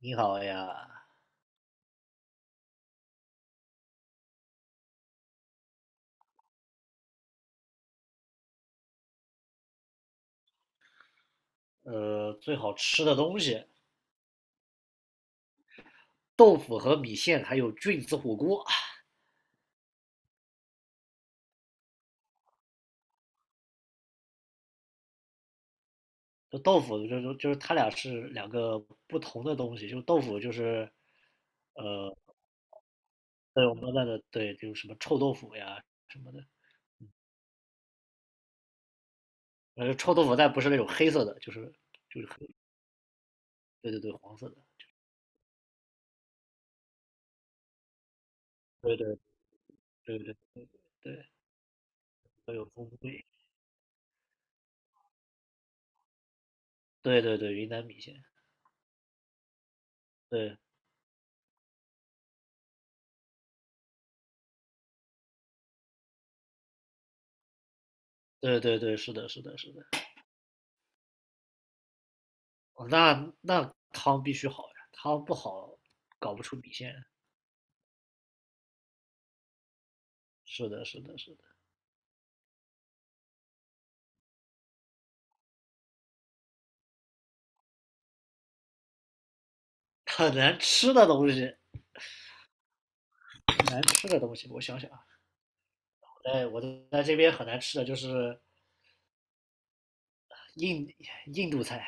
你好呀。最好吃的东西，豆腐和米线，还有菌子火锅。就豆腐就是它俩是两个不同的东西。就豆腐就是呃我们那的。对，就是什么臭豆腐呀什么的。臭豆腐但不是那种黑色的，就是就是黑，对对对，黄色的。对对对对对，都有风味。对对对，云南米线。对对对对，是的是的是的。哦，那那汤必须好呀，汤不好搞不出米线。是的，是的，是的。很难吃的东西，很难吃的东西，我想想啊。哎，我在这边很难吃的就是印印度菜。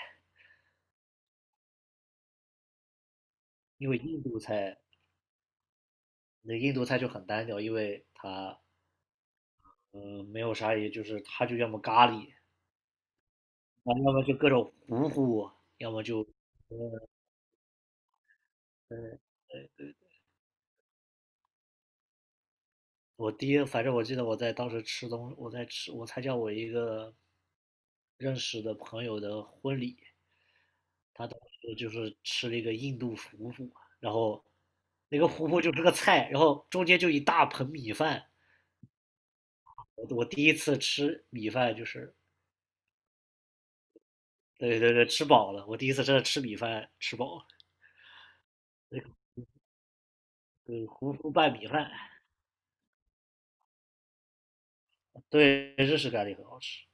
因为印度菜，就很单调，因为它没有啥。也就是它就要么咖喱，啊，要么就各种糊糊，要么就我第一，反正我记得我在当时吃东，我在吃，我参加我一个认识的朋友的婚礼。他当时就是吃了一个印度糊糊，然后那个糊糊就是个菜，然后中间就一大盆米饭。我第一次吃米饭就是，对对对，吃饱了。我第一次真的吃米饭吃饱了。对，糊糊拌米饭。对，日式咖喱很好吃。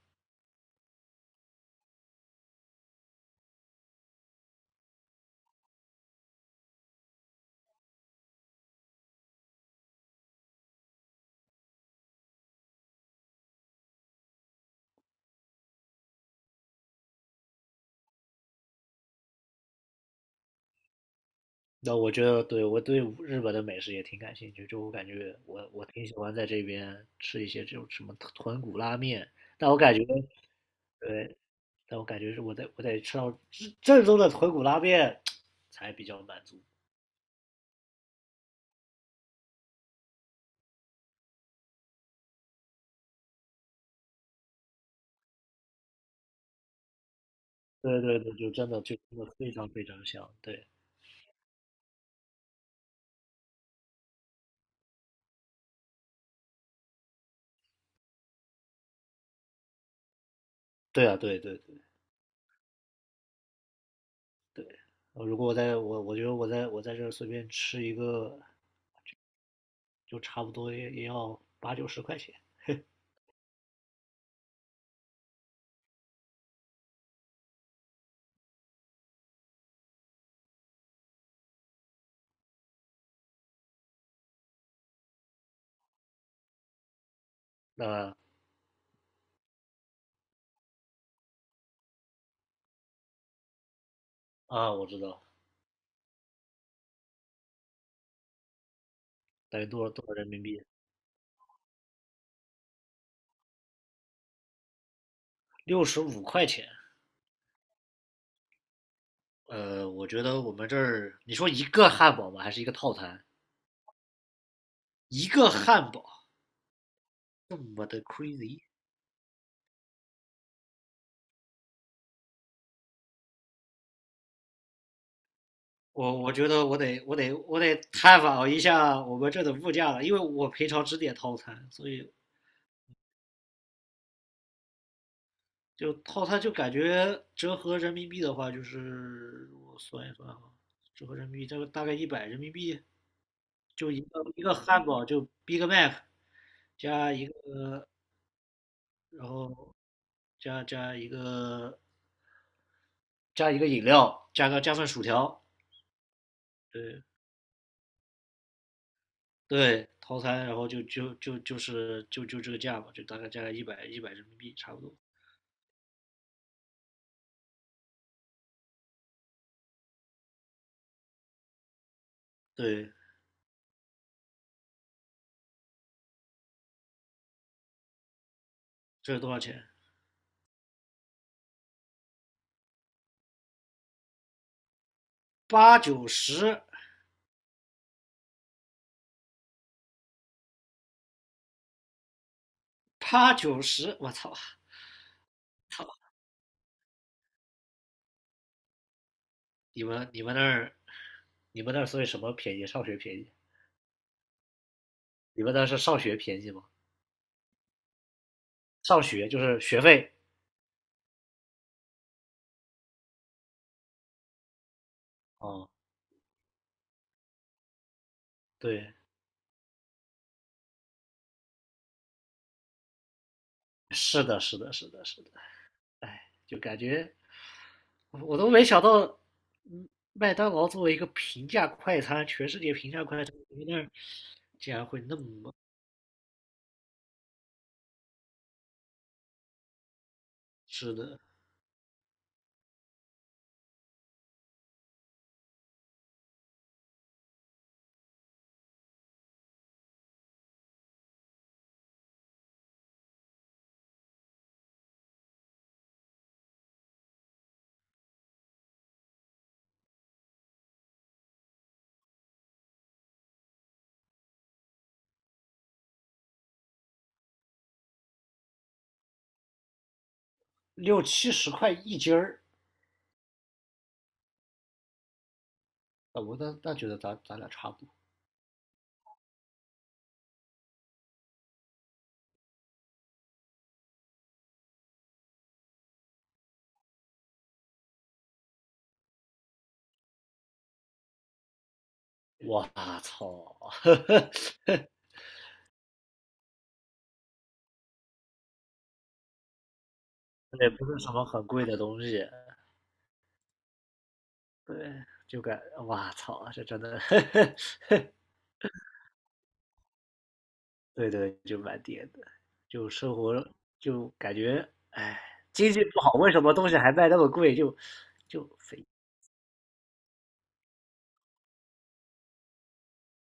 那我觉得对，我对日本的美食也挺感兴趣。就我感觉我挺喜欢在这边吃一些这种什么豚骨拉面，但我感觉对，是我得吃到正宗的豚骨拉面才比较满足。对对对，就真的非常非常香。对。对啊，对对对对。如果我觉得我在这儿随便吃一个，就差不多也要八九十块钱。啊，我知道。等于多少人民币？六十五块钱。呃，我觉得我们这儿，你说一个汉堡吧，还是一个套餐？一个汉堡。我的 crazy!我觉得我得探访一下我们这的物价了，因为我平常只点套餐。所以就套餐就感觉折合人民币的话，就是我算一算啊。折合人民币，这个大概一百人民币。就一个汉堡就 Big Mac 加一个，然后加加一个加一个饮料，加份薯条。对，对，套餐，然后就这个价吧，就大概价一百一百人民币差不多。对，这是多少钱？八九十。八九十，我操！操！你们那儿，你们那儿所以什么便宜？上学便宜？你们那是上学便宜吗？上学就是学费。哦，嗯。对，是的，是的，是的，是的。哎，就感觉我都没想到。嗯，麦当劳作为一个平价快餐，全世界平价快餐，你们那儿还会那么吃的。六七十块一斤儿？啊，我那那觉得咱咱俩差不多。我操！那也不是什么很贵的东西。对，就感哇操，这真的。呵呵。对对，就蛮跌的。就生活，就感觉哎，经济不好，为什么东西还卖那么贵？就就肥，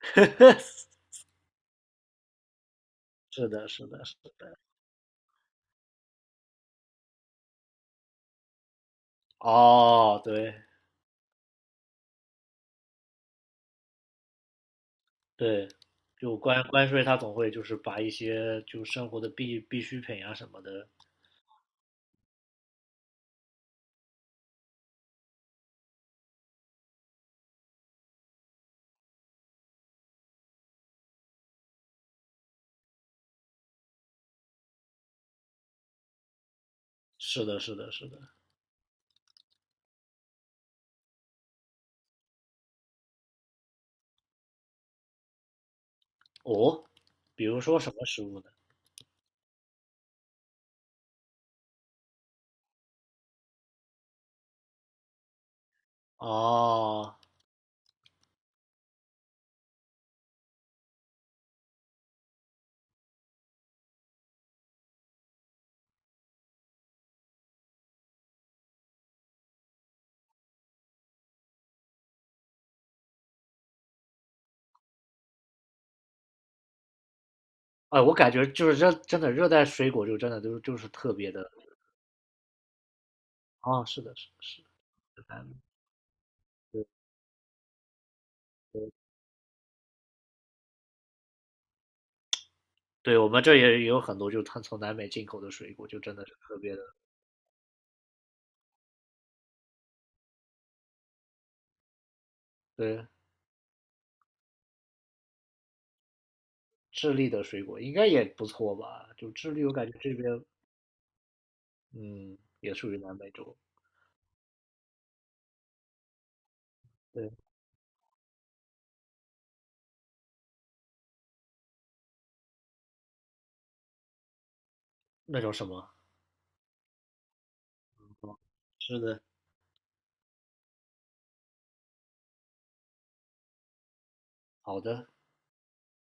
是的，是的，是的。哦，对。对，关税，他总会就是把一些就生活的必需品啊什么的。是的，是的，是的。哦，比如说什么食物呢？哦，哎，我感觉就是热，真的热带水果就真的就是特别的。啊、是的，是的是的，南美。对，对，我们这也也有很多，就是它从南美进口的水果，就真的是特别的。对，智利的水果应该也不错吧？就智利，我感觉这边嗯也属于南美洲。对，那种什么？是的。好的。